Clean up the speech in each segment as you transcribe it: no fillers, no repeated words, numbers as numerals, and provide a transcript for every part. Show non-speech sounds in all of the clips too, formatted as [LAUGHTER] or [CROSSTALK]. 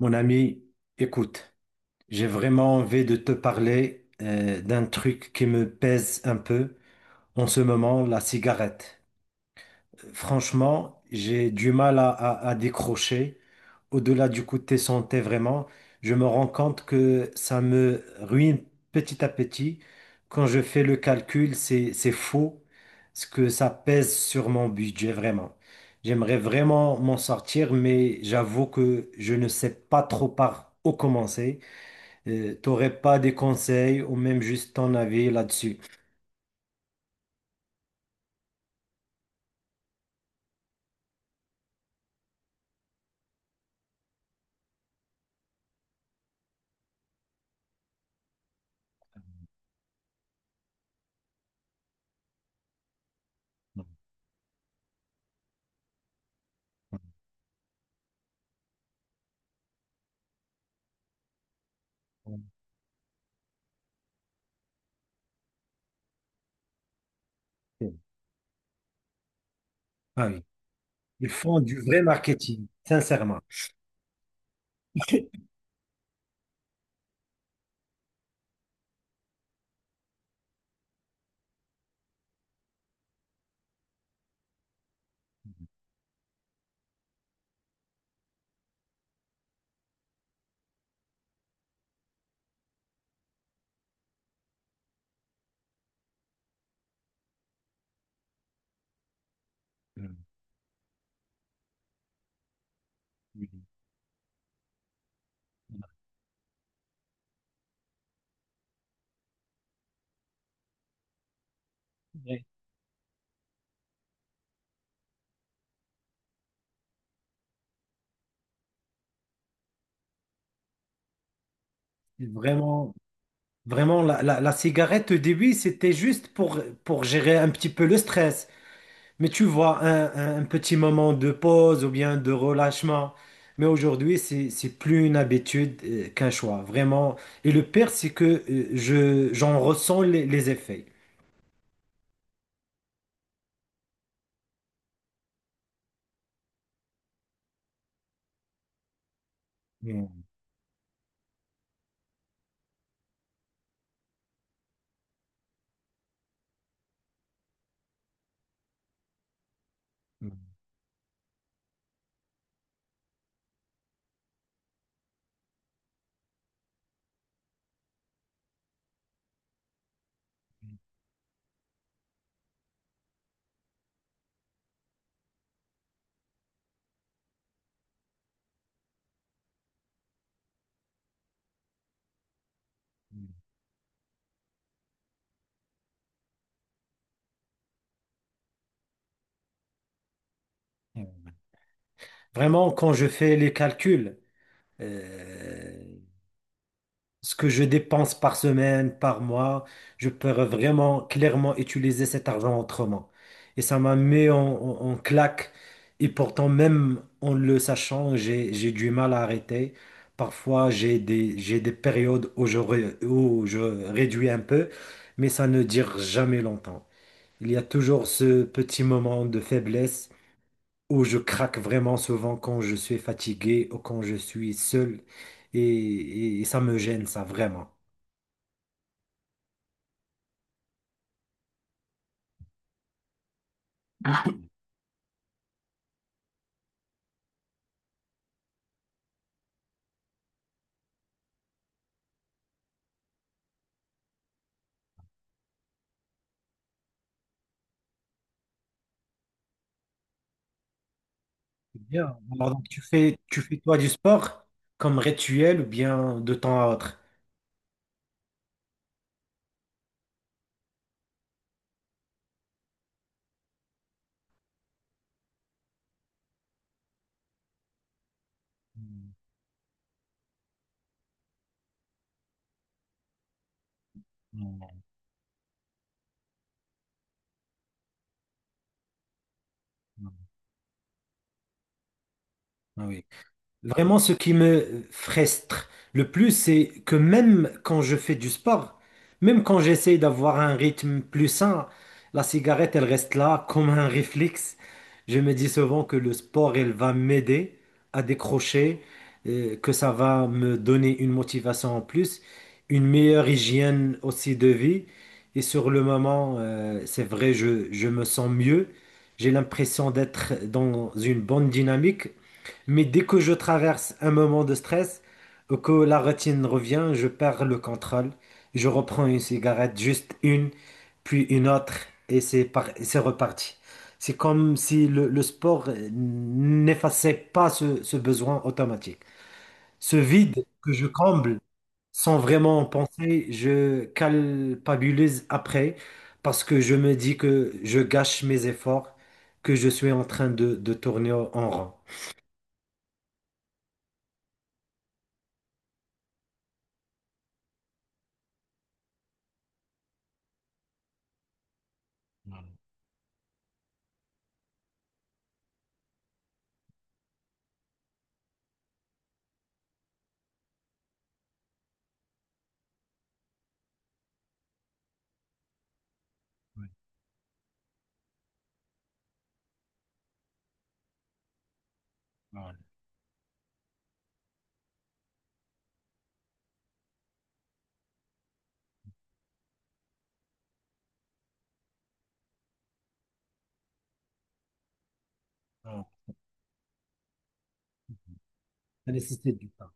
Mon ami, écoute, j'ai vraiment envie de te parler d'un truc qui me pèse un peu en ce moment, la cigarette. Franchement, j'ai du mal à décrocher. Au-delà du côté santé, vraiment, je me rends compte que ça me ruine petit à petit. Quand je fais le calcul, c'est faux ce que ça pèse sur mon budget, vraiment. J'aimerais vraiment m'en sortir, mais j'avoue que je ne sais pas trop par où commencer. T'aurais pas des conseils ou même juste ton avis là-dessus? Ah oui, ils font du vrai marketing, sincèrement. Euh, Oui. Ouais. Vraiment, vraiment, la cigarette au début, c'était juste pour gérer un petit peu le stress. Mais tu vois, un petit moment de pause ou bien de relâchement. Mais aujourd'hui, c'est plus une habitude qu'un choix, vraiment. Et le pire, c'est que j'en ressens les effets. Mm, mm, mm, mm. Vraiment, quand je fais les calculs, euh, ce que je dépense par semaine, par mois, je peux vraiment clairement utiliser cet argent autrement. Et ça m'a mis en claque. Et pourtant, même en le sachant, j'ai du mal à arrêter. Parfois, j'ai des périodes où je réduis un peu, mais ça ne dure jamais longtemps. Il y a toujours ce petit moment de faiblesse où je craque vraiment souvent quand je suis fatigué ou quand je suis seul. Et ça me gêne, ça, vraiment. Bien. Alors, donc, tu fais toi du sport comme rituel ou bien de temps à autre? Non, non. Ah oui. Vraiment, ce qui me frustre le plus, c'est que même quand je fais du sport, même quand j'essaie d'avoir un rythme plus sain, la cigarette, elle reste là comme un réflexe. Je me dis souvent que le sport, elle va m'aider à décrocher, que ça va me donner une motivation en plus, une meilleure hygiène aussi de vie. Et sur le moment, c'est vrai, je me sens mieux. J'ai l'impression d'être dans une bonne dynamique. Mais dès que je traverse un moment de stress, que la routine revient, je perds le contrôle. Je reprends une cigarette, juste une, puis une autre, et c'est reparti. C'est comme si le sport n'effaçait pas ce besoin automatique. Ce vide que je comble sans vraiment en penser, je culpabilise après parce que je me dis que je gâche mes efforts, que je suis en train de tourner en rond. Ouais. Ça nécessite du temps.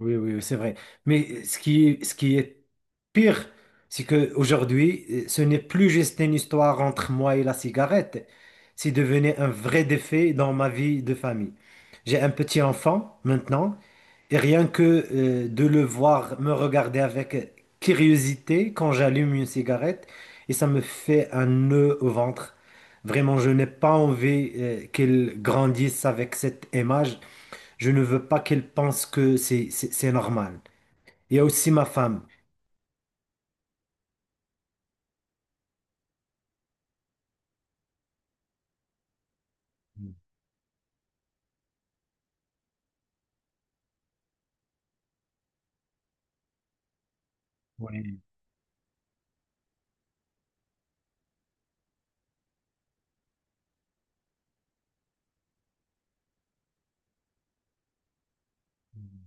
Oui, oui, c'est vrai. Mais ce qui est pire, c'est qu'aujourd'hui, ce n'est plus juste une histoire entre moi et la cigarette. C'est devenu un vrai défi dans ma vie de famille. J'ai un petit enfant maintenant, et rien que de le voir me regarder avec curiosité quand j'allume une cigarette, et ça me fait un nœud au ventre. Vraiment, je n'ai pas envie qu'il grandisse avec cette image. Je ne veux pas qu'elle pense que c'est normal. Il y a aussi ma femme. Mm. Oui. Mm.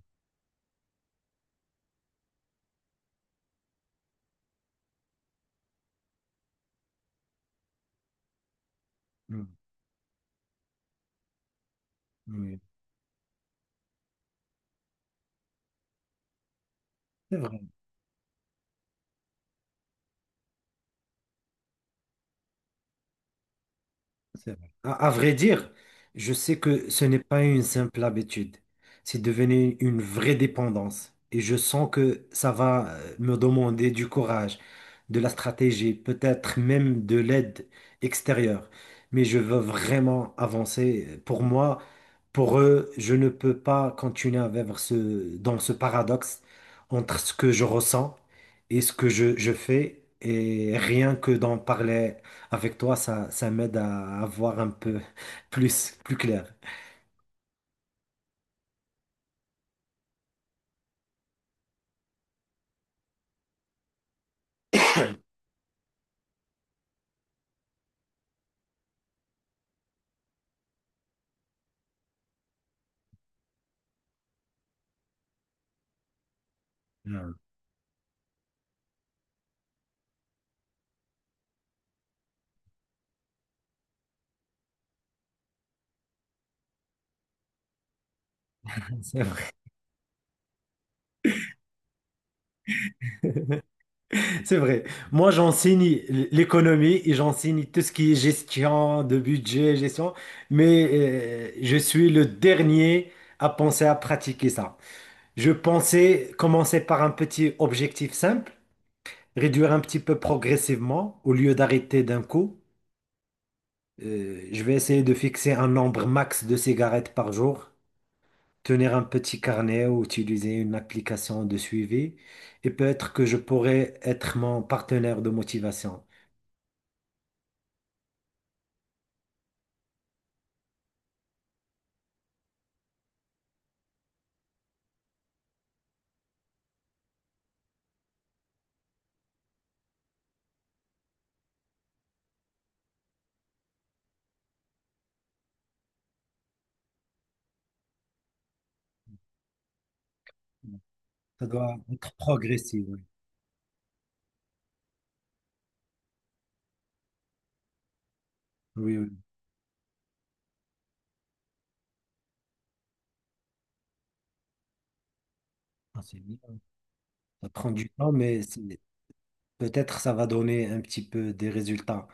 Mm, oui. C'est vrai. C'est vrai. À vrai dire, je sais que ce n'est pas une simple habitude. C'est devenu une vraie dépendance. Et je sens que ça va me demander du courage, de la stratégie, peut-être même de l'aide extérieure. Mais je veux vraiment avancer. Pour moi, pour eux, je ne peux pas continuer à vivre dans ce paradoxe entre ce que je ressens et ce que je fais. Et rien que d'en parler. Avec toi, ça m'aide à voir un peu plus clair. Hmm. [LAUGHS] C'est vrai. C'est vrai. Moi, j'enseigne l'économie et j'enseigne tout ce qui est gestion de budget, gestion, mais je suis le dernier à penser à pratiquer ça. Je pensais commencer par un petit objectif simple, réduire un petit peu progressivement au lieu d'arrêter d'un coup. Je vais essayer de fixer un nombre max de cigarettes par jour. Tenir un petit carnet ou utiliser une application de suivi. Et peut-être que je pourrais être mon partenaire de motivation. Ça doit être progressif, oui. Oui, oui. Ah, c'est bien. Ça prend du temps, mais peut-être ça va donner un petit peu des résultats.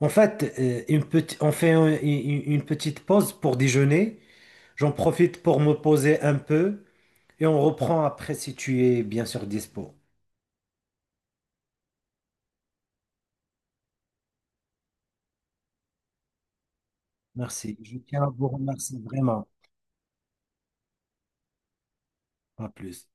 En fait, on fait une petite pause pour déjeuner. J'en profite pour me poser un peu et on reprend après si tu es bien sûr dispo. Merci. Je tiens à vous remercier vraiment. À plus.